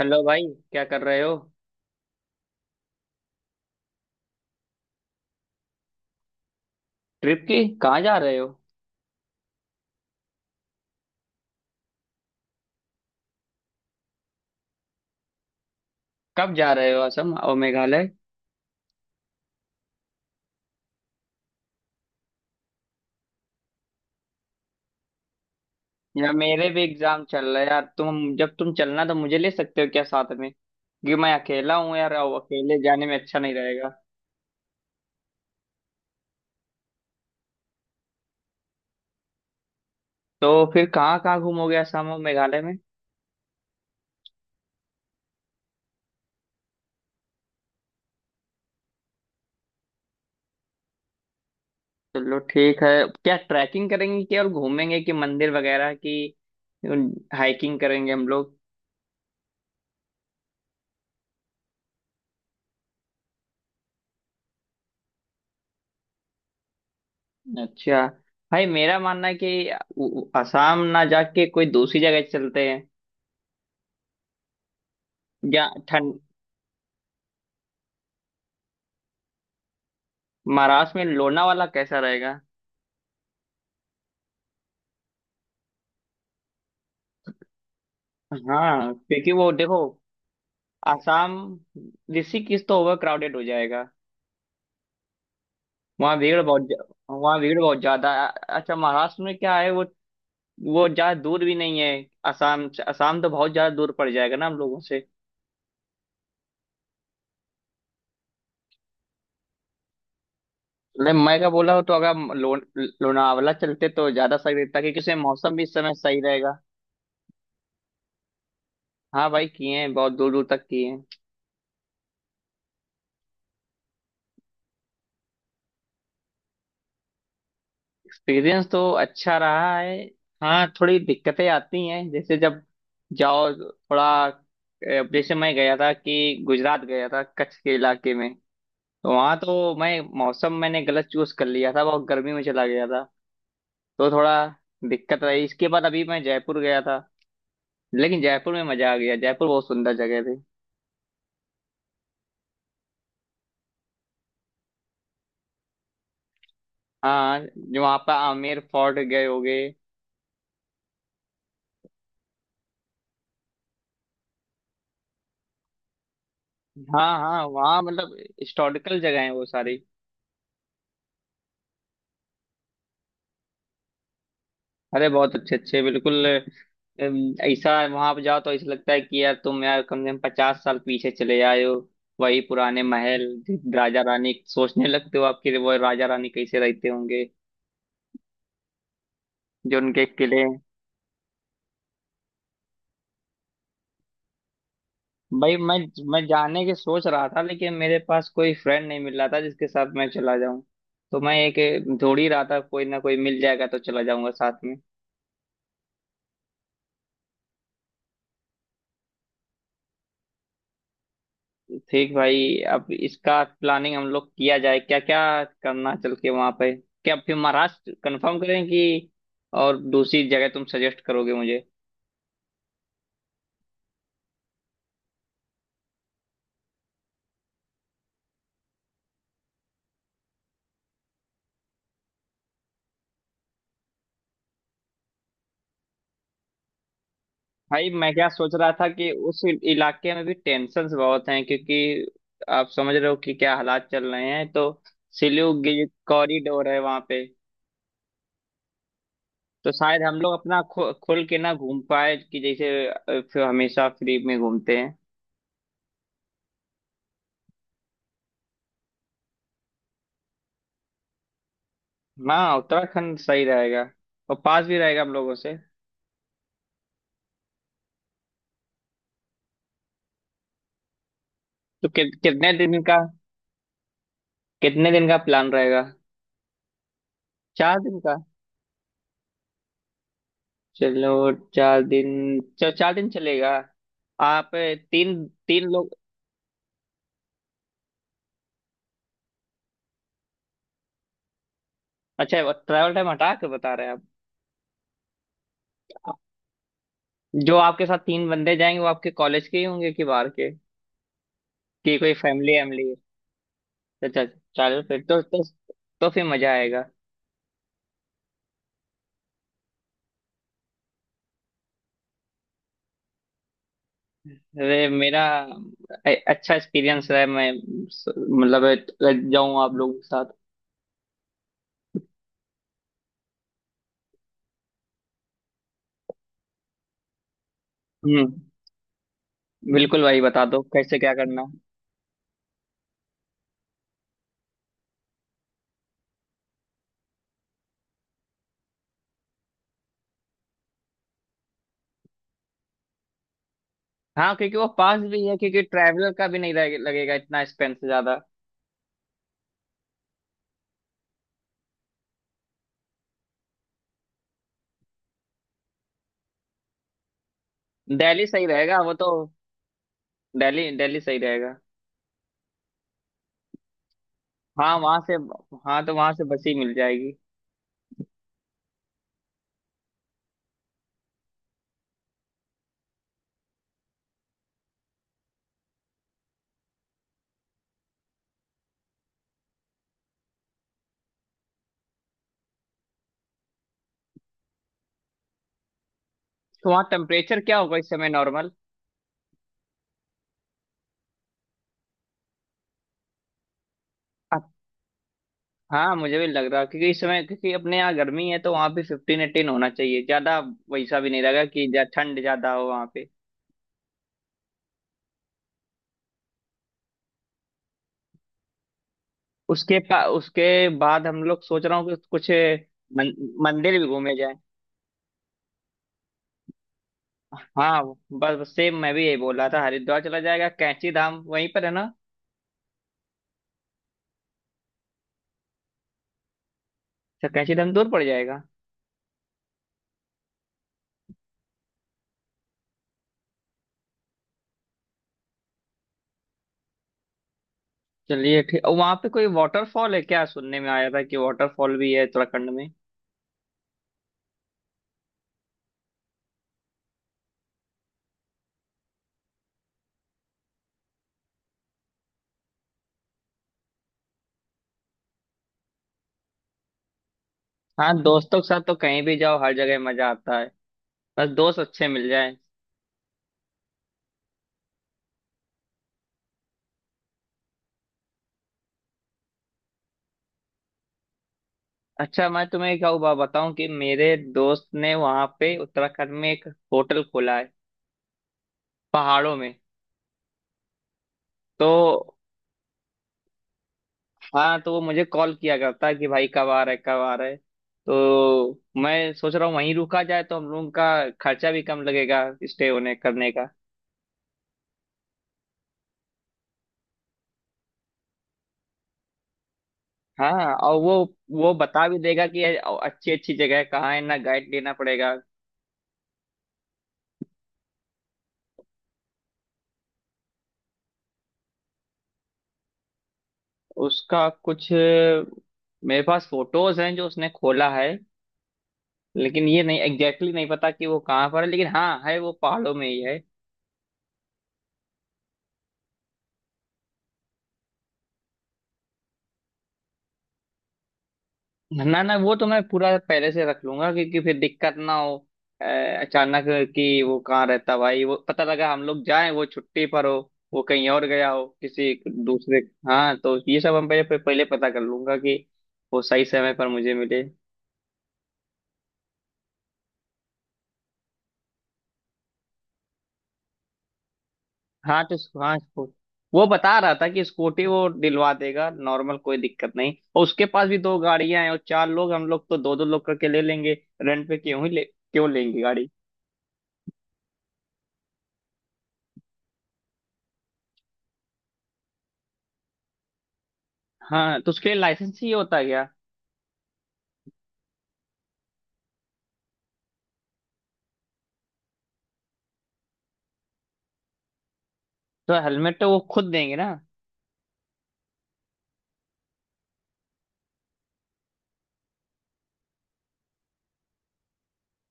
Hello भाई। क्या कर रहे हो? ट्रिप की। कहाँ जा रहे हो? कब जा रहे हो असम और मेघालय? यार मेरे भी एग्जाम चल रहे हैं यार, तुम जब तुम चलना तो मुझे ले सकते हो क्या साथ में? क्योंकि मैं अकेला हूँ यार और अकेले जाने में अच्छा नहीं रहेगा। तो फिर कहाँ कहाँ घूमोगे असम और मेघालय में? चलो ठीक है। क्या ट्रैकिंग करेंगे कि और घूमेंगे कि मंदिर वगैरह की? हाइकिंग करेंगे हम लोग? अच्छा। भाई मेरा मानना है कि असम ना जाके कोई दूसरी जगह चलते हैं। या ठंड। महाराष्ट्र में लोनावाला कैसा रहेगा? हाँ क्योंकि वो देखो। आसाम। ऋषिकेश तो ओवर क्राउडेड हो जाएगा। वहाँ भीड़ बहुत। वहाँ भीड़ बहुत ज्यादा है। अच्छा महाराष्ट्र में क्या है वो। वो ज्यादा दूर भी नहीं है। आसाम से। आसाम तो बहुत ज्यादा दूर पड़ जाएगा ना हम लोगों से। मतलब मैं क्या बोला हूँ, तो अगर हम लोनावाला चलते तो ज्यादा सही रहता क्योंकि उसमें मौसम भी इस समय सही रहेगा। हाँ भाई किए हैं, बहुत दूर दूर तक किए हैं। एक्सपीरियंस तो अच्छा रहा है। हाँ थोड़ी दिक्कतें आती हैं, जैसे जब जाओ थोड़ा, जैसे मैं गया था कि गुजरात गया था कच्छ के इलाके में। तो वहाँ तो मैं मौसम, मैंने गलत चूज कर लिया था, बहुत गर्मी में चला गया था। तो थोड़ा दिक्कत रही। इसके बाद अभी मैं जयपुर गया था। लेकिन जयपुर में मजा आ गया। जयपुर बहुत सुंदर जगह थी। हाँ जो वहाँ पर आमेर फोर्ट गए होगे। हाँ हाँ, वहाँ मतलब हिस्टोरिकल जगह है वो सारी। अरे बहुत अच्छे अच्छे बिल्कुल। ऐसा वहां पे जाओ तो ऐसा लगता है कि यार तुम, यार कम से कम 50 साल पीछे चले आए हो। वही पुराने महल। राजा रानी सोचने लगते हो, आपके वो राजा रानी कैसे रहते होंगे, जो उनके किले हैं। भाई मैं जाने की सोच रहा था लेकिन मेरे पास कोई फ्रेंड नहीं मिल रहा था जिसके साथ मैं चला जाऊं। तो मैं एक ढूंढ ही रहा था, कोई ना कोई मिल जाएगा तो चला जाऊंगा साथ में। ठीक भाई। अब इसका प्लानिंग हम लोग किया जाए, क्या क्या करना चल के वहां पे, क्या फिर महाराष्ट्र कंफर्म करें कि और दूसरी जगह तुम सजेस्ट करोगे मुझे? भाई मैं क्या सोच रहा था कि उस इलाके में भी टेंशन बहुत हैं, क्योंकि आप समझ रहे हो कि क्या हालात चल रहे हैं, तो सिलीगुड़ी कॉरिडोर है वहां पे। तो शायद हम लोग अपना खुल के ना घूम पाए, कि जैसे फिर हमेशा फ्री में घूमते हैं। हाँ उत्तराखंड सही रहेगा। और पास भी रहेगा हम लोगों से। तो कितने दिन का, कितने दिन का प्लान रहेगा? 4 दिन का। चलो 4 दिन, चलो 4 दिन चलेगा। आप तीन तीन लोग। अच्छा ट्रैवल टाइम हटा के बता रहे हैं। आप जो आपके साथ तीन बंदे जाएंगे वो आपके कॉलेज के ही होंगे कि बाहर के, कि कोई फैमिली वैमिली है? अच्छा। चलो फिर तो फिर मजा आएगा। अरे मेरा अच्छा एक्सपीरियंस रहा है। मैं मतलब जाऊँ आप लोगों के साथ। हम्म। बिल्कुल भाई बता दो कैसे क्या करना। हाँ क्योंकि वो पास भी है, क्योंकि ट्रैवलर का भी नहीं लगेगा इतना, एक्सपेंस ज्यादा। दिल्ली सही रहेगा वो तो। दिल्ली दिल्ली सही रहेगा। हाँ वहां से। हाँ तो वहां से बस ही मिल जाएगी। तो वहाँ टेम्परेचर क्या होगा इस समय नॉर्मल? हाँ मुझे भी लग रहा है, क्योंकि इस समय क्योंकि अपने यहाँ गर्मी है तो वहाँ भी 15-18 होना चाहिए ज्यादा। वैसा भी नहीं रहेगा कि ठंड ज्यादा हो वहाँ पे। उसके उसके बाद हम लोग सोच रहा हूँ कि कुछ मन, मंदिर भी घूमे जाए। हाँ बस बस सेम मैं भी यही बोल रहा था, हरिद्वार चला जाएगा, कैंची धाम वहीं पर है ना। अच्छा कैंची धाम दूर पड़ जाएगा। चलिए ठीक। और वहाँ पे कोई वाटरफॉल है क्या, सुनने में आया था कि वाटरफॉल भी है उत्तराखंड में? हाँ दोस्तों के साथ तो कहीं भी जाओ, हर जगह मजा आता है। बस दोस्त अच्छे मिल जाए। अच्छा मैं तुम्हें क्या हुआ बताऊं, कि मेरे दोस्त ने वहाँ पे उत्तराखंड में एक होटल खोला है पहाड़ों में। तो हाँ, तो वो मुझे कॉल किया करता है कि भाई कब आ रहे कब आ रहे, तो मैं सोच रहा हूँ वहीं रुका जाए तो हम लोगों का खर्चा भी कम लगेगा स्टे होने करने का। हाँ और वो बता भी देगा कि अच्छी अच्छी जगह है, कहाँ है ना गाइड लेना पड़ेगा। उसका कुछ मेरे पास फोटोज हैं जो उसने खोला है। लेकिन ये नहीं एग्जैक्टली exactly नहीं पता कि वो कहाँ पर है, लेकिन हाँ है, वो पहाड़ों में ही है। ना ना वो तो मैं पूरा पहले से रख लूंगा, क्योंकि फिर दिक्कत ना हो। अचानक कि वो कहाँ रहता भाई, वो पता लगा हम लोग जाएं वो छुट्टी पर हो, वो कहीं और गया हो किसी दूसरे। हाँ तो ये सब हम पहले पहले पता कर लूंगा कि वो सही समय पर मुझे मिले। हाँ तो हाँ वो बता रहा था कि स्कूटी वो दिलवा देगा, नॉर्मल कोई दिक्कत नहीं, और उसके पास भी दो गाड़ियां हैं, और चार लोग हम लोग तो दो दो लोग करके ले लेंगे। रेंट पे क्यों ही ले, क्यों लेंगे गाड़ी। हाँ तो उसके लिए लाइसेंस ही होता है क्या? तो हेलमेट तो वो खुद देंगे ना।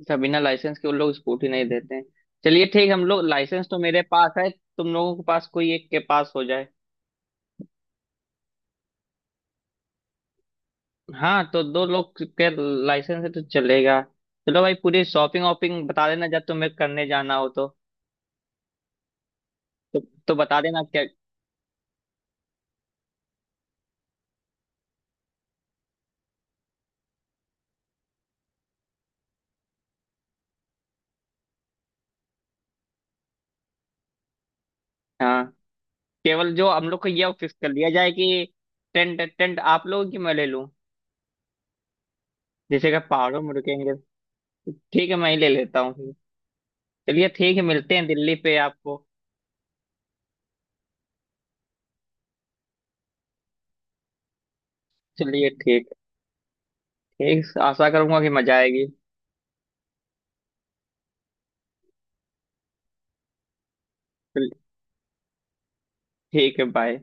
अच्छा बिना लाइसेंस के वो लोग स्कूटी नहीं देते हैं। चलिए ठीक। हम लोग लाइसेंस तो मेरे पास है। तुम लोगों के पास कोई एक के पास हो जाए। हाँ तो दो लोग के लाइसेंस है तो चलेगा। चलो भाई, पूरी शॉपिंग वॉपिंग बता देना जब तुम्हें करने जाना हो तो। तो, तो बता देना क्या। हाँ केवल जो हम लोग को ये फिक्स कर लिया जाए कि टेंट, टेंट आप लोगों की मैं ले लूँ, जैसे कि पहाड़ों में रुकेंगे। ठीक है मैं ही ले लेता हूँ। चलिए ठीक है, मिलते हैं दिल्ली पे आपको। चलिए ठीक। ठीक, आशा करूंगा कि मजा आएगी। चल, ठीक है बाय।